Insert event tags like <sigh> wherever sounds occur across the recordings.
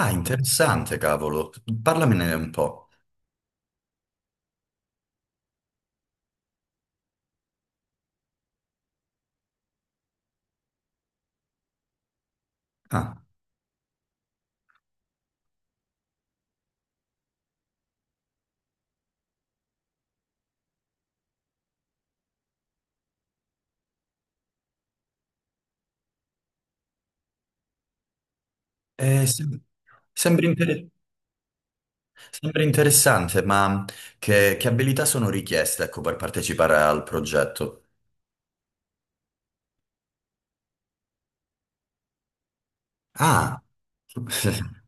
Ah, interessante, cavolo. Parlamene un po'. Ah, eh, sem- sembra, inter- sembra interessante, ma che abilità sono richieste, ecco, per partecipare al progetto? Ah, <laughs>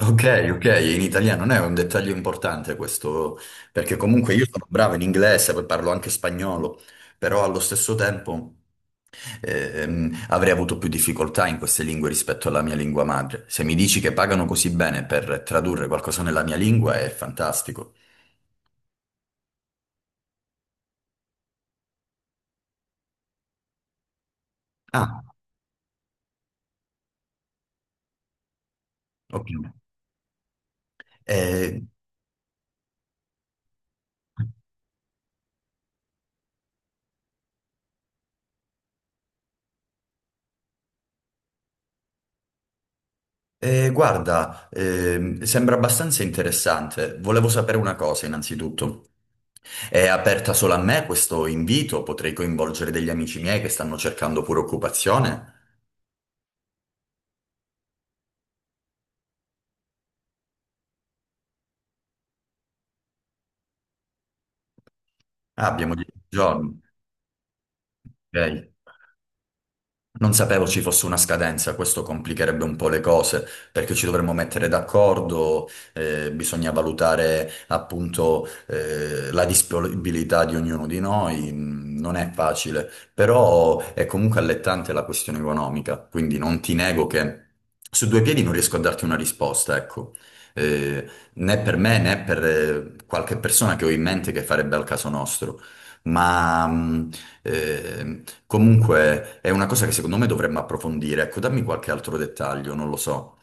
ok, ok, in italiano non è un dettaglio importante questo, perché comunque io sono bravo in inglese, poi parlo anche spagnolo, però allo stesso tempo avrei avuto più difficoltà in queste lingue rispetto alla mia lingua madre. Se mi dici che pagano così bene per tradurre qualcosa nella mia lingua è fantastico. Ah, ok. Eh, guarda, sembra abbastanza interessante. Volevo sapere una cosa innanzitutto. È aperta solo a me questo invito? Potrei coinvolgere degli amici miei che stanno cercando pure occupazione? Ah, abbiamo 10 giorni. Ok. Non sapevo ci fosse una scadenza, questo complicherebbe un po' le cose, perché ci dovremmo mettere d'accordo, bisogna valutare appunto la disponibilità di ognuno di noi, mm, non è facile, però è comunque allettante la questione economica, quindi non ti nego che su due piedi non riesco a darti una risposta, ecco. Né per me né per qualche persona che ho in mente che farebbe al caso nostro, ma... mm, Ehm, Comunque è una cosa che secondo me dovremmo approfondire. Ecco, dammi qualche altro dettaglio, non lo so.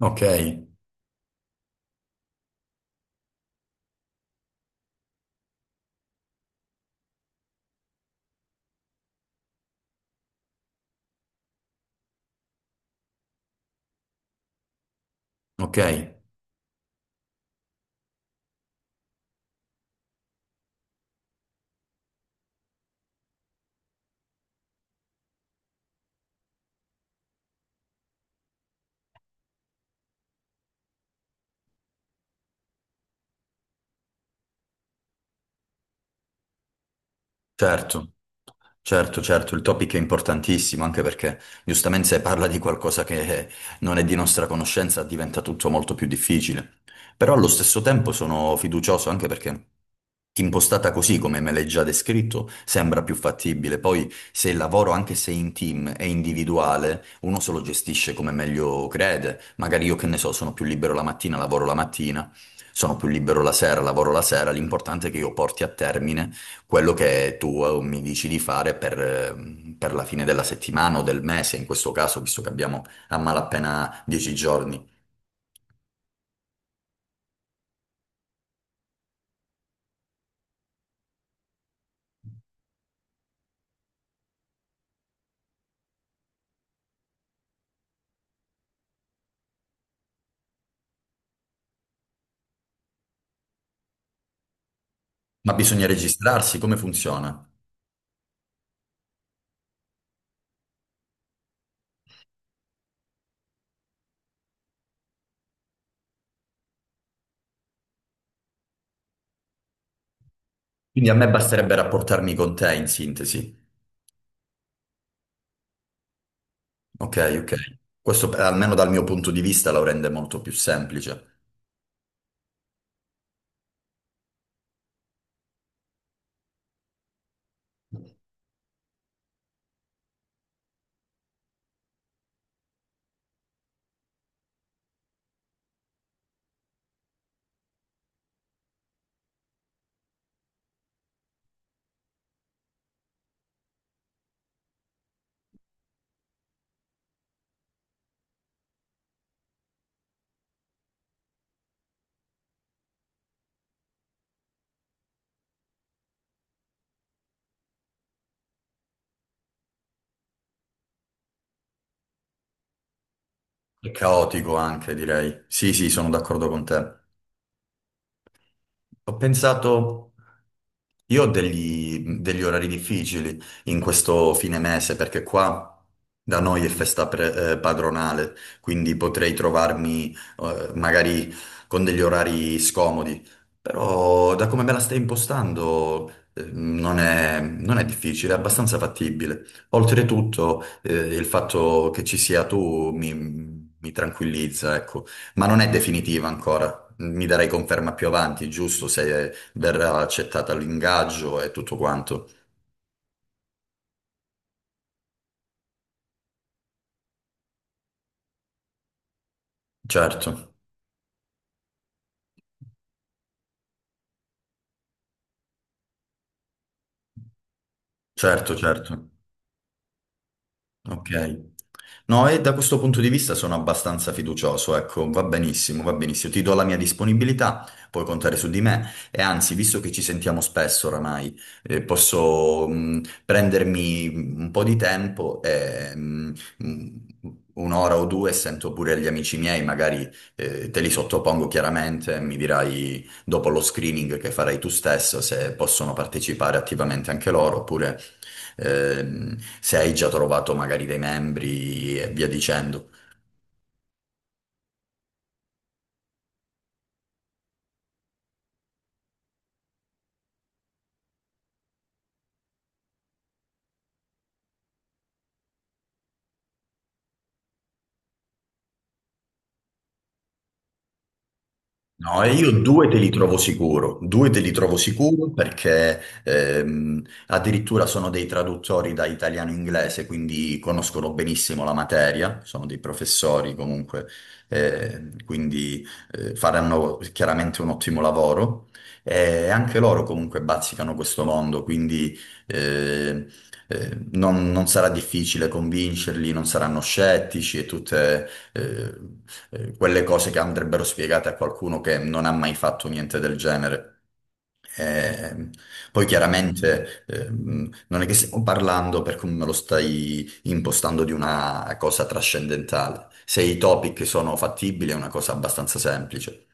Ok, ok, certo. Certo, certo, il topic è importantissimo, anche perché giustamente se parla di qualcosa che non è di nostra conoscenza diventa tutto molto più difficile. Però allo stesso tempo sono fiducioso anche perché impostata così, come me l'hai già descritto, sembra più fattibile. Poi se il lavoro, anche se in team, è individuale, uno se lo gestisce come meglio crede. Magari io che ne so, sono più libero la mattina, lavoro la mattina, sono più libero la sera, lavoro la sera. L'importante è che io porti a termine quello che tu mi dici di fare per la fine della settimana o del mese, in questo caso, visto che abbiamo a malapena 10 giorni. Ma bisogna registrarsi, come funziona? Quindi a me basterebbe rapportarmi con te in sintesi. Ok, ok. Questo almeno dal mio punto di vista lo rende molto più semplice e caotico anche, direi. Sì, sì, sono d'accordo con te. Ho pensato, io ho degli orari difficili in questo fine mese perché qua da noi è festa padronale, quindi potrei trovarmi magari con degli orari scomodi, però da come me la stai impostando non è difficile, è abbastanza fattibile. Oltretutto il fatto che ci sia tu mi tranquillizza, ecco, ma non è definitiva ancora. Mi darai conferma più avanti, giusto? Se verrà accettata l'ingaggio e tutto quanto. Certo, certo, certo. Ok. No, e da questo punto di vista sono abbastanza fiducioso, ecco, va benissimo, va benissimo. Ti do la mia disponibilità, puoi contare su di me e anzi, visto che ci sentiamo spesso oramai, posso prendermi un po' di tempo e un'ora o due sento pure gli amici miei, magari te li sottopongo chiaramente, mi dirai dopo lo screening che farai tu stesso se possono partecipare attivamente anche loro oppure se hai già trovato magari dei membri e via dicendo. No, e io due te li trovo sicuro, due te li trovo sicuro perché addirittura sono dei traduttori da italiano-inglese, quindi conoscono benissimo la materia, sono dei professori comunque, quindi faranno chiaramente un ottimo lavoro e anche loro comunque bazzicano questo mondo, quindi eh, non sarà difficile convincerli, non saranno scettici e tutte... eh, quelle cose che andrebbero spiegate a qualcuno che non ha mai fatto niente del genere. Eh, poi chiaramente non è che stiamo parlando, per come me lo stai impostando, di una cosa trascendentale. Se i topic sono fattibili è una cosa abbastanza semplice.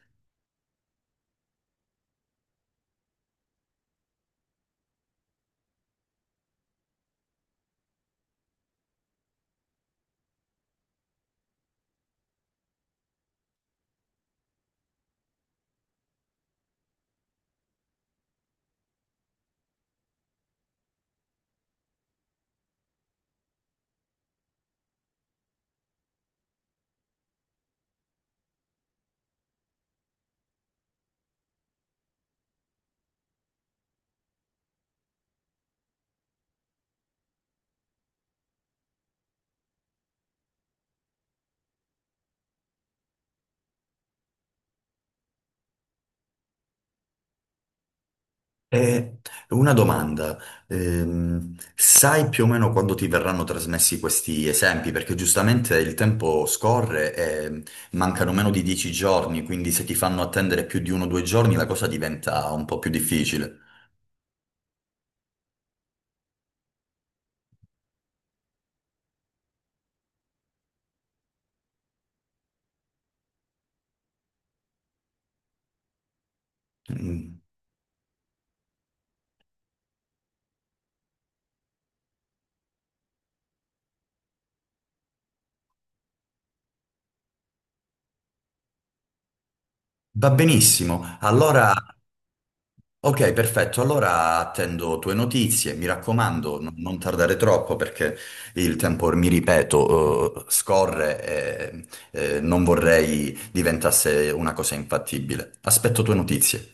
Eh, una domanda. Sai più o meno quando ti verranno trasmessi questi esempi? Perché giustamente il tempo scorre e mancano meno di 10 giorni, quindi se ti fanno attendere più di uno o due giorni la cosa diventa un po' più difficile. Mm. Va benissimo, allora. Ok, perfetto. Allora attendo tue notizie. Mi raccomando, non tardare troppo perché il tempo, mi ripeto, scorre e non vorrei diventasse una cosa infattibile. Aspetto tue notizie.